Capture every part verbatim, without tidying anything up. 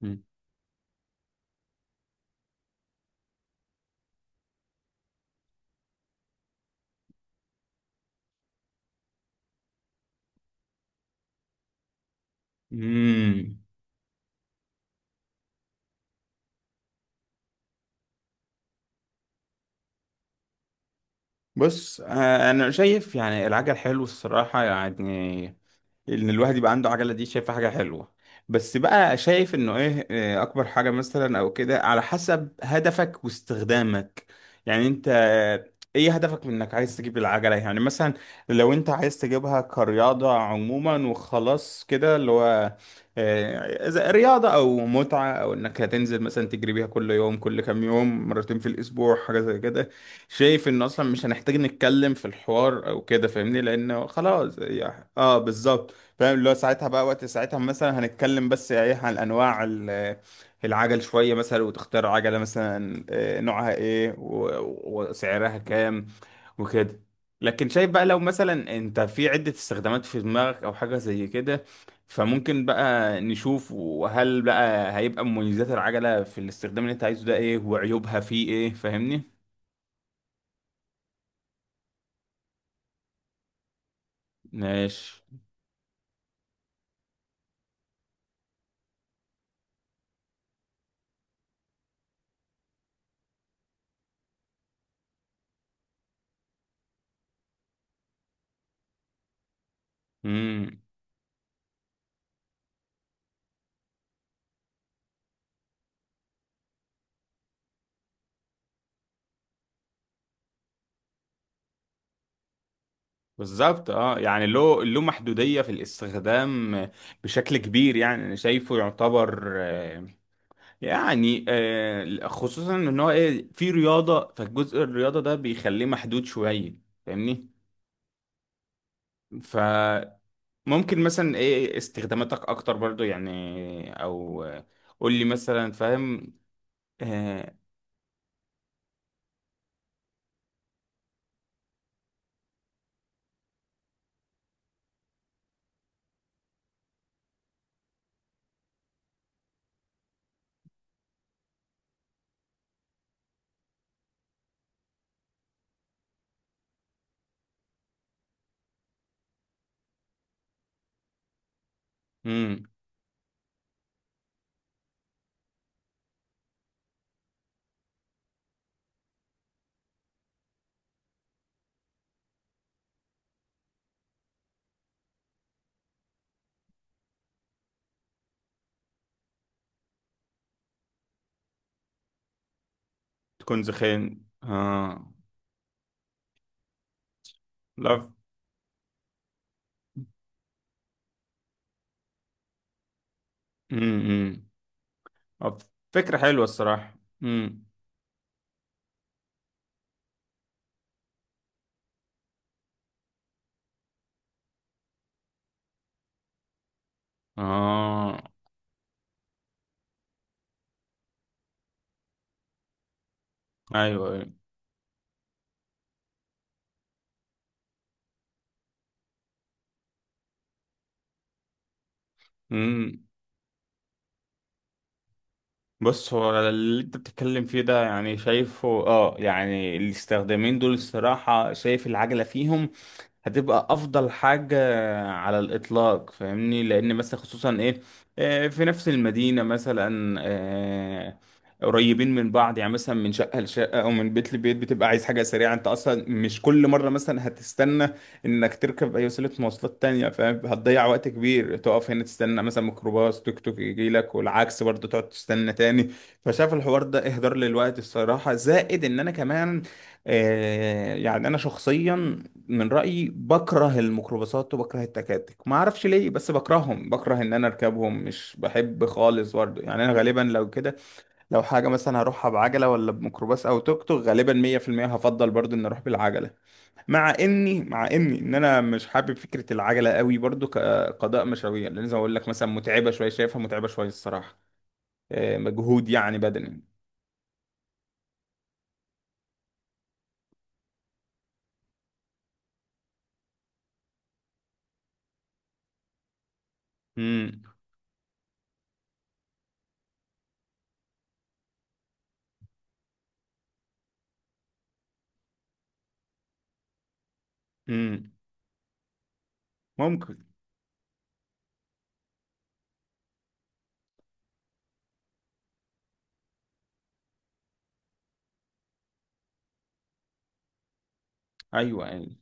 مم. مم. بص آه، انا شايف يعني العجل حلو الصراحه يعني ان الواحد يبقى عنده عجله دي شايفها حاجه حلوه. بس بقى شايف انه ايه آه، اكبر حاجه مثلا او كده على حسب هدفك واستخدامك. يعني انت آه، ايه هدفك من انك عايز تجيب العجله يعني مثلا لو انت عايز تجيبها كرياضه عموما وخلاص كده اللي هو آه، إذا رياضة أو متعة أو إنك هتنزل مثلا تجري بيها كل يوم كل كام يوم مرتين في الأسبوع حاجة زي كده. شايف انه اصلا مش هنحتاج نتكلم في الحوار او كده فاهمني لانه خلاص يع- اه بالظبط فاهم اللي هو ساعتها بقى وقت ساعتها مثلا هنتكلم بس ايه عن انواع ال- العجل شويه مثلا وتختار عجله مثلا آه، نوعها ايه و- وسعرها كام وكده. لكن شايف بقى لو مثلا انت في عده استخدامات في دماغك او حاجه زي كده فممكن بقى نشوف وهل بقى هيبقى مميزات العجله في الاستخدام اللي انت عايزه ده ايه وعيوبها فيه ايه فاهمني. ماشي. امم. بالظبط اه، يعني له له محدودية في الاستخدام بشكل كبير. يعني انا شايفه يعتبر آه، يعني آه، خصوصا ان هو ايه في رياضة، فالجزء الرياضة ده بيخليه محدود شوية فاهمني. فممكن مثلا ايه استخداماتك اكتر برضو، يعني او آه، قول لي مثلا فاهم. آه، امم. تكون زخين اه. لا. امم. أمم. آه، فكرة حلوة الصراحة. امم. اه. ايوه ايوه. امم. بص هو اللي انت بتتكلم فيه ده، يعني شايفه اه، يعني الاستخدامين دول الصراحة شايف العجلة فيهم هتبقى افضل حاجة على الاطلاق فاهمني. لان مثلا خصوصا ايه آه، في نفس المدينة مثلا آه، قريبين من بعض، يعني مثلا من شقة لشقة او من بيت لبيت، بتبقى عايز حاجة سريعة. انت اصلا مش كل مرة مثلا هتستنى انك تركب اي وسيلة مواصلات تانية فاهم. هتضيع وقت كبير تقف هنا تستنى مثلا ميكروباص، توك توك يجي لك، والعكس برضه تقعد تستنى تاني. فشايف الحوار ده اهدار للوقت الصراحة. زائد ان انا كمان آه، يعني انا شخصيا من رأيي بكره الميكروباصات وبكره التكاتك، ما اعرفش ليه بس بكرههم، بكره ان انا اركبهم، مش بحب خالص برضه. يعني انا غالبا لو كده، لو حاجة مثلا هروحها بعجلة ولا بميكروباص او توك توك، غالبا مية بالمية هفضل برضه ان اروح بالعجلة. مع اني مع اني ان انا مش حابب فكرة العجلة قوي برضه كقضاء مشاوير، لان زي ما اقول لك مثلا متعبة شوية، شايفها متعبة شوية الصراحة. آه، مجهود يعني بدني. امم امم. ممكن. ايوه يعني.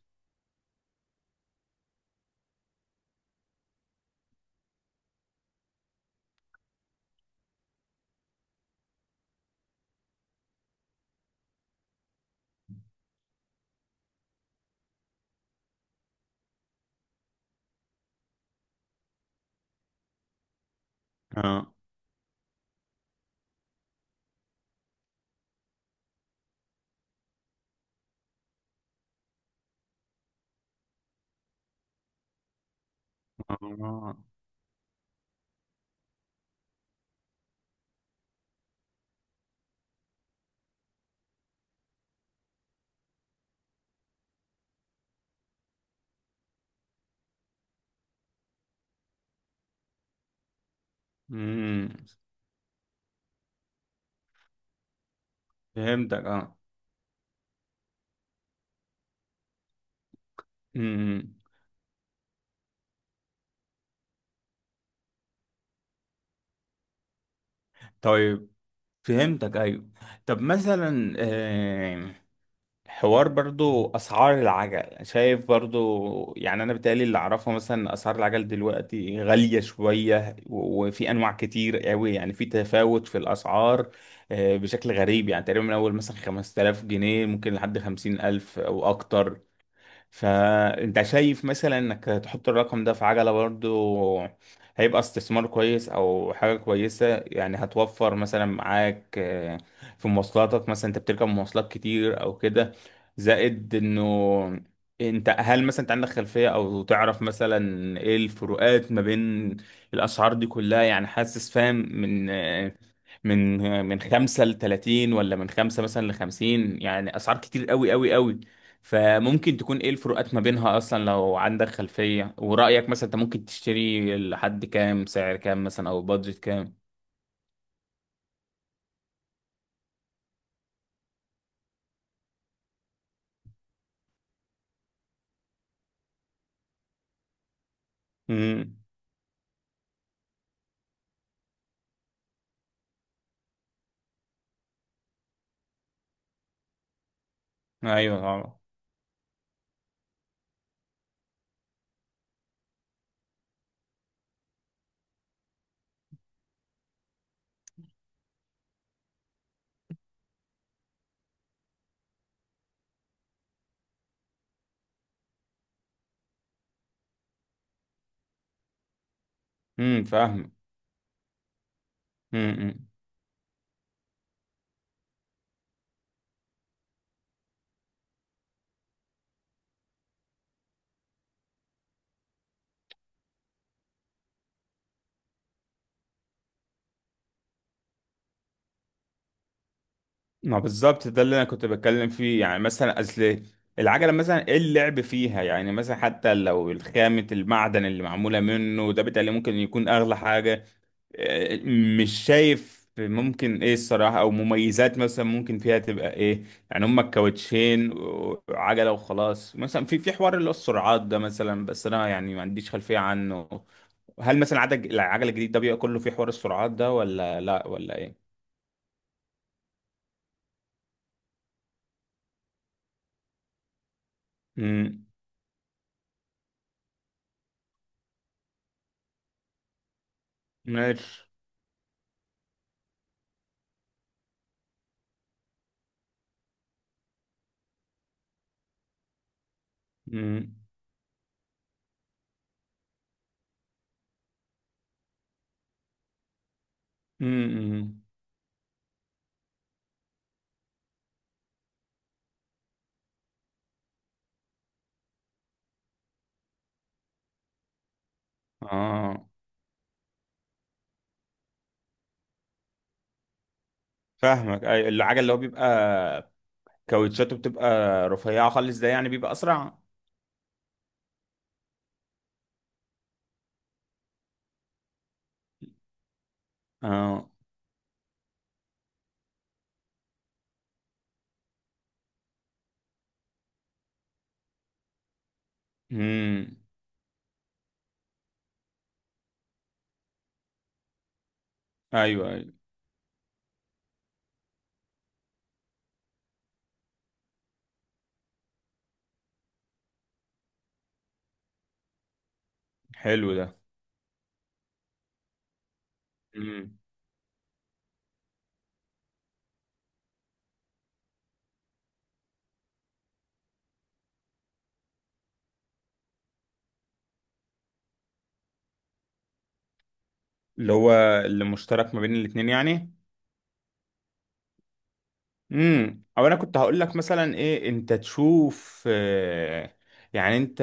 اه. اه. امم. فهمتك اه. امم. طيب. فهمتك ايوه. طب مثلا آه، حوار برضو اسعار العجل، شايف برضو يعني انا بيتهيألي اللي اعرفه مثلا اسعار العجل دلوقتي غالية شوية، و- وفي انواع كتير قوي، يعني في تفاوت في الاسعار آه، بشكل غريب. يعني تقريبا من اول مثلا خمستلاف جنيه ممكن لحد خمسين ألف او اكتر. فانت شايف مثلا انك تحط الرقم ده في عجلة برضو هيبقى استثمار كويس او حاجة كويسة؟ يعني هتوفر مثلا معاك آه، في مواصلاتك، مثلا انت بتركب مواصلات كتير او كده. زائد انه انت هل مثلا انت عندك خلفية او تعرف مثلا ايه الفروقات ما بين الاسعار دي كلها؟ يعني حاسس فاهم من آه، من آه، من خمسة لتلاتين ولا من خمسة مثلا لخمسين، يعني اسعار كتير قوي قوي قوي. فممكن تكون ايه الفروقات ما بينها اصلا لو عندك خلفية؟ ورأيك مثلا انت ممكن تشتري لحد كام، سعر كام مثلا او بادجت كام؟ امم. ايوه طبعا. امم فاهم. ما بالظبط، ده اللي انا كنت بتكلم فيه. يعني مثلا اصل العجله مثلا ايه اللعب فيها؟ يعني مثلا حتى لو الخامه المعدن اللي معموله منه ده بالتالي ممكن يكون اغلى حاجه، آه، مش شايف ممكن ايه الصراحه او مميزات مثلا ممكن فيها تبقى ايه. يعني هما الكاوتشين وعجله وخلاص مثلا. في في حوار اللي هو السرعات ده مثلا، بس انا يعني ما عنديش خلفيه عنه. هل مثلا عدد العجله الجديد ده بيبقى كله في حوار السرعات ده ولا لا ولا ايه؟ امم. ماشي. امم. امم اه. فاهمك، اي العجل اللي هو بيبقى كاوتشاته بتبقى رفيعه خالص ده يعني بيبقى اسرع. اه. امم. ايوه ايوه. حلو ده. امم. اللي هو اللي مشترك ما بين الاتنين يعني. امم. او انا كنت هقول لك مثلا ايه، انت تشوف آه، يعني انت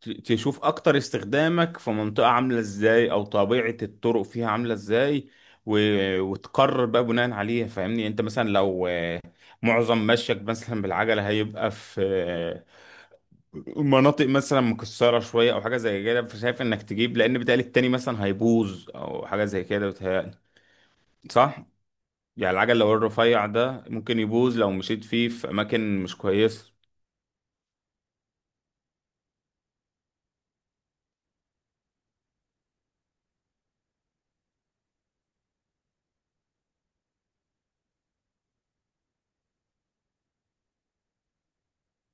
ت- تشوف اكتر استخدامك في منطقة عاملة ازاي، او طبيعة الطرق فيها عاملة ازاي، و- وتقرر بقى بناء عليها فاهمني. انت مثلا لو آه، معظم مشيك مثلا بالعجلة هيبقى في آه، مناطق مثلا مكسرة شوية او حاجة زي كده، فشايف انك تجيب، لان بتقال التاني مثلا هيبوظ او حاجة زي كده بتهيألي، صح؟ يعني العجل لو الرفيع ده ممكن يبوظ لو مشيت فيه في أماكن مش كويسة.